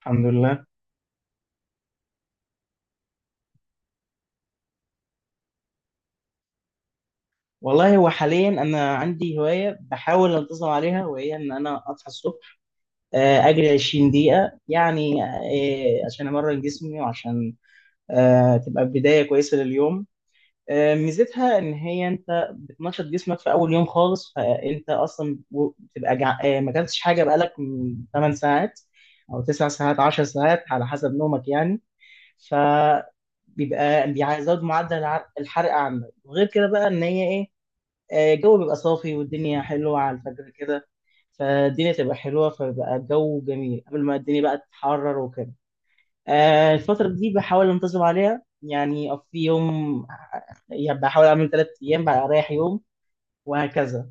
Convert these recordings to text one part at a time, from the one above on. الحمد لله. والله هو حاليا انا عندي هوايه بحاول انتظم عليها، وهي ان انا اصحى الصبح، اجري 20 دقيقه يعني، عشان امرن جسمي وعشان تبقى بدايه كويسه لليوم. ميزتها ان هي انت بتنشط جسمك في اول يوم خالص، فانت اصلا بتبقى جع... آه، ما اكلتش حاجه بقالك 8 ساعات او 9 ساعات 10 ساعات على حسب نومك يعني. ف بيبقى بيزود معدل الحرق عندك. وغير كده بقى ان هي ايه، الجو بيبقى صافي والدنيا حلوة على الفجر كده. فالدنيا تبقى حلوة، فبقى الجو جميل قبل ما الدنيا بقى تتحرر وكده. الفترة دي بحاول أنتظم عليها، يعني في يوم، يعني بحاول أعمل ثلاث أيام بعد أريح يوم وهكذا.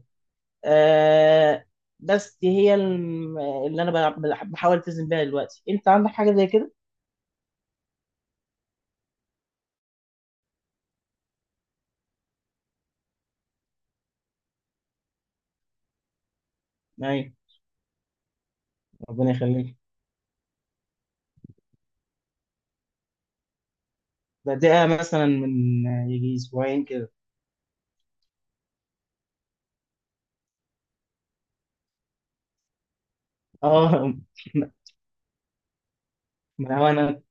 آه، بس دي هي اللي أنا بحاول ألتزم بيها دلوقتي. أنت عندك حاجة زي كده؟ أيوة. ربنا يخليك. بدأها مثلا من يجي أسبوعين كده. أه. ما هو أنا.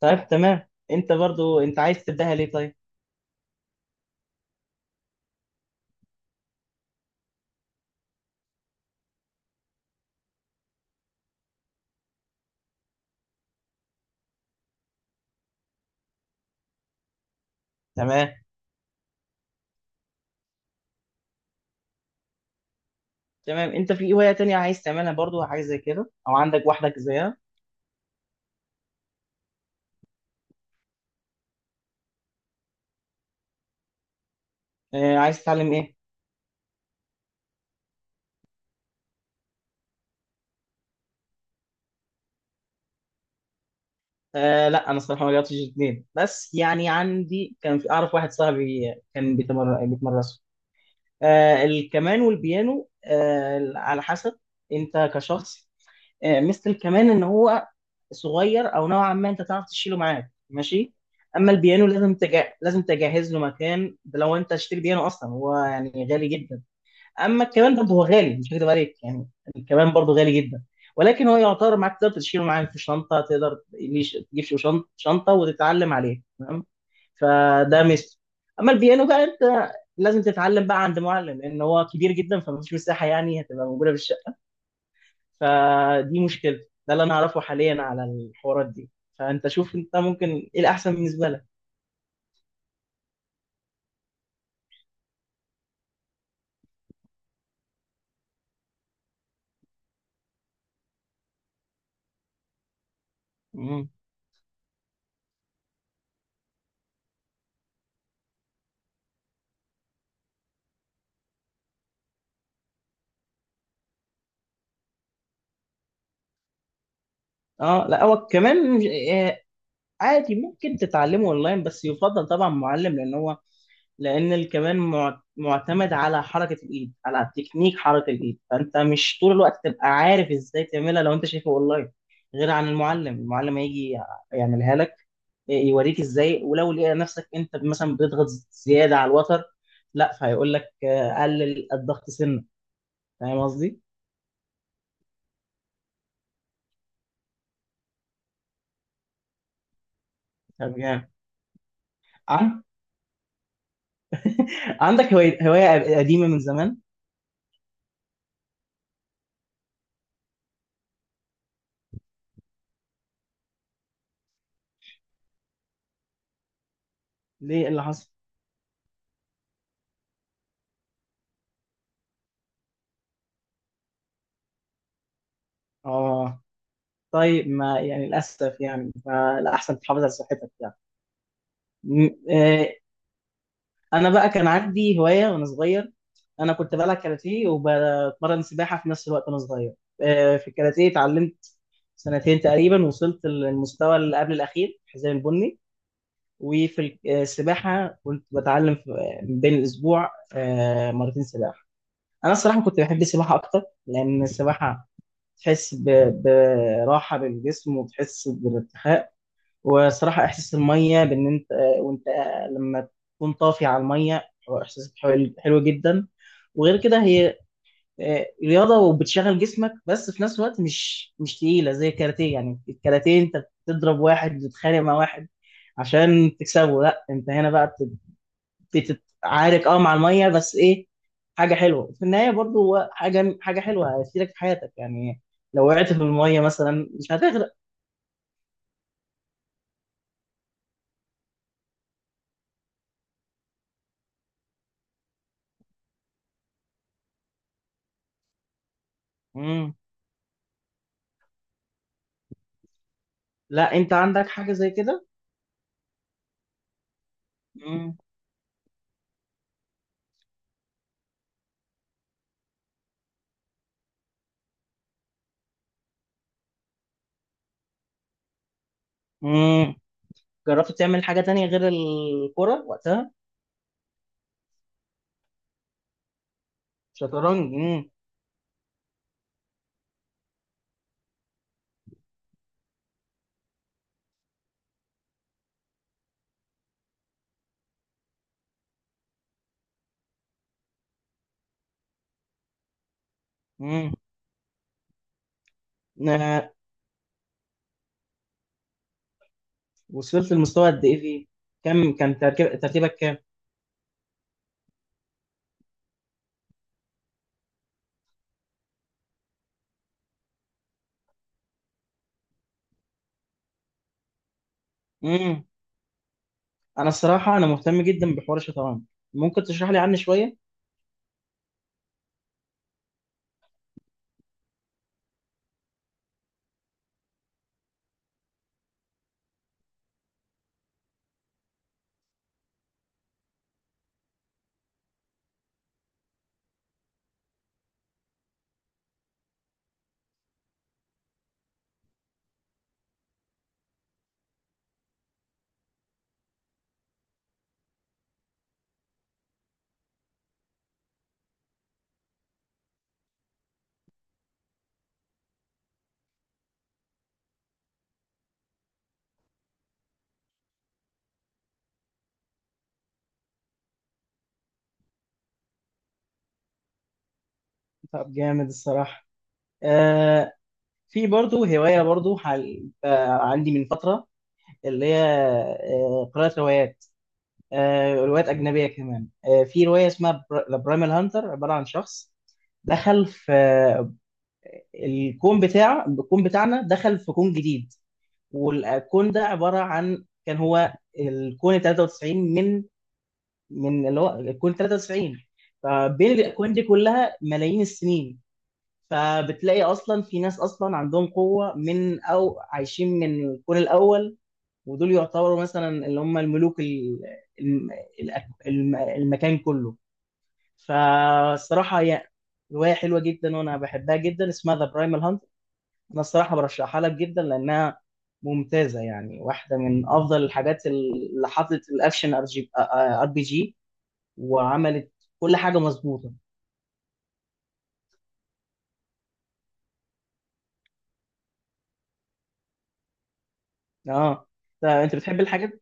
طيب، تمام. انت برضو انت عايز تبداها ليه؟ طيب. تمام. تمام، انت في ايه هواية تانية عايز تعملها برضو، حاجة زي كده او عندك واحدة زيها؟ عايز تتعلم ايه؟ لا، انا صراحة ما جربتش الاثنين، بس يعني عندي كان في، اعرف واحد صاحبي كان بيتمرسوا. الكمان والبيانو. على حسب انت كشخص، مثل كمان ان هو صغير او نوعا ما، انت تعرف تشيله معاك. ماشي. اما البيانو لازم تجهز له مكان. ده لو انت هتشتري بيانو اصلا، هو يعني غالي جدا. اما الكمان برضه هو غالي، مش هكدب عليك يعني. الكمان برضه غالي جدا، ولكن هو يعتبر معاك، تقدر تشيله معاك في شنطه. تقدر تجيب شنطه وتتعلم عليه. تمام. فده مثل. اما البيانو بقى، انت لازم تتعلم بقى عند معلم، لان هو كبير جدا، فمفيش مساحه يعني هتبقى موجوده في الشقه. فدي مشكلة. ده اللي انا اعرفه حاليا على الحوارات دي. فانت شوف انت ممكن ايه الاحسن بالنسبة لك؟ مم. اه، لا هو كمان آه، عادي، ممكن تتعلمه اونلاين، بس يفضل طبعا معلم لان هو، لان الكمان معتمد على حركة الايد، على تكنيك حركة الايد. فانت مش طول الوقت تبقى عارف ازاي تعملها لو انت شايفه اونلاين. غير عن المعلم هيجي يعملها لك، يوريك ازاي. ولو لقى نفسك انت مثلا بتضغط زياده على الوتر، لا فهيقول لك قلل الضغط سنه. فاهم قصدي؟ طب يعني عن- عندك هواية قديمة من زمان؟ ليه؟ إيه اللي حصل؟ اه. طيب ما يعني، للأسف يعني. فالأحسن تحافظ على صحتك يعني. م- آه، انا بقى كان عندي هوايه وانا صغير. انا كنت بلعب كاراتيه وبتمرن سباحه في نفس الوقت وانا صغير. في الكاراتيه اتعلمت سنتين تقريبا. وصلت للمستوى اللي قبل الاخير، الحزام البني. وفي السباحه كنت بتعلم في بين الاسبوع مرتين سباحه. انا الصراحه كنت بحب السباحه اكتر، لان السباحه تحس براحه للجسم، وتحس بالارتخاء. وصراحة إحساس المية بإن أنت، وأنت لما تكون طافي على المية، هو إحساس حلو حلو جدا. وغير كده هي رياضة وبتشغل جسمك، بس في نفس الوقت مش تقيلة زي الكاراتيه. يعني الكاراتيه أنت بتضرب واحد وتتخانق مع واحد عشان تكسبه. لا أنت هنا بقى بتتعارك، مع المية. بس إيه، حاجة حلوة في النهاية برضو، هو حاجة حلوة هتفيدك في حياتك يعني. لو وقعت في المية مثلا، مش هتغرق. مم. لا، أنت عندك حاجة زي كده؟ مم. جربت تعمل حاجة تانية غير الكرة وقتها؟ شطرنج. مم. مم. آه، وصلت لمستوى قد ايه فيه؟ كم كان ترتيبك كام؟ مم. انا الصراحة، انا مهتم جدا بحوار الشطرنج. ممكن تشرح لي عنه شوية؟ طب جامد الصراحة. آه في برضو هواية برضو حال... آه عندي من فترة، اللي هي قراءة روايات. روايات أجنبية كمان. في رواية اسمها ذا برايمال هانتر، عبارة عن شخص دخل في الكون بتاع، الكون بتاعنا دخل في كون جديد. والكون ده عبارة عن، كان هو الكون 93 من اللي هو الكون 93. فبين الاكوان دي كلها ملايين السنين. فبتلاقي اصلا في ناس، اصلا عندهم قوه من، او عايشين من الكون الاول. ودول يعتبروا مثلا اللي هم الملوك الم- المكان كله. فالصراحه هي روايه حلوه جدا، وانا بحبها جدا، اسمها ذا برايمال. انا الصراحه برشحها لك جدا لانها ممتازه، يعني واحده من افضل الحاجات اللي حطت الاكشن RPG، وعملت كل حاجه مظبوطه. اه. أنت بتحب الحاجات؟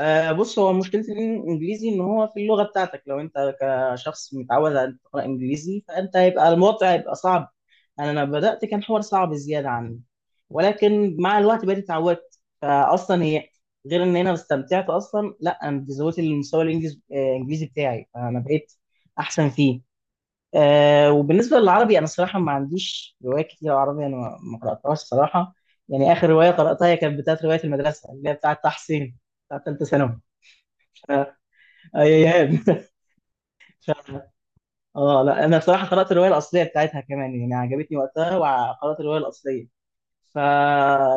بص، هو مشكلة الإنجليزي إن هو في اللغة بتاعتك. لو أنت كشخص متعود على أن تقرأ إنجليزي، فأنت هيبقى الموضوع هيبقى صعب. يعني أنا لما بدأت كان حوار صعب زيادة عني. ولكن مع الوقت بقيت اتعودت. فأصلا هي غير إن أنا استمتعت أصلا، لا أنا زودت المستوى الإنجليزي بتاعي. فأنا بقيت أحسن فيه. وبالنسبة للعربي، أنا صراحة ما عنديش روايات كتير عربي. أنا ما قرأتهاش صراحة. يعني آخر رواية قرأتها هي كانت بتاعت رواية المدرسة اللي هي بتاعت تحسين، بتاعت تالتة ثانوي. آه، ايام اه، لا انا صراحه قرات الروايه الاصليه بتاعتها كمان، يعني عجبتني وقتها وقرات الروايه الاصليه. ف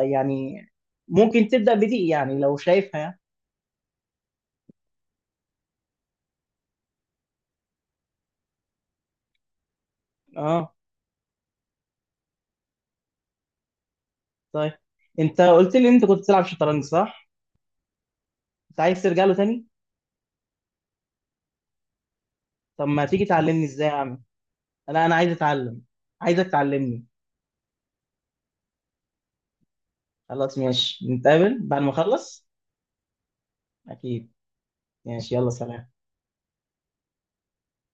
يعني ممكن تبدا بدي يعني، لو شايفها يعني. اه. طيب، انت قلت لي انت كنت بتلعب شطرنج، صح؟ انت عايز ترجع له تاني؟ طب ما تيجي تعلمني ازاي اعمل. لا، انا عايز اتعلم. عايزك تعلمني. خلاص، ماشي. نتقابل بعد ما اخلص. اكيد. ماشي، يلا سلام.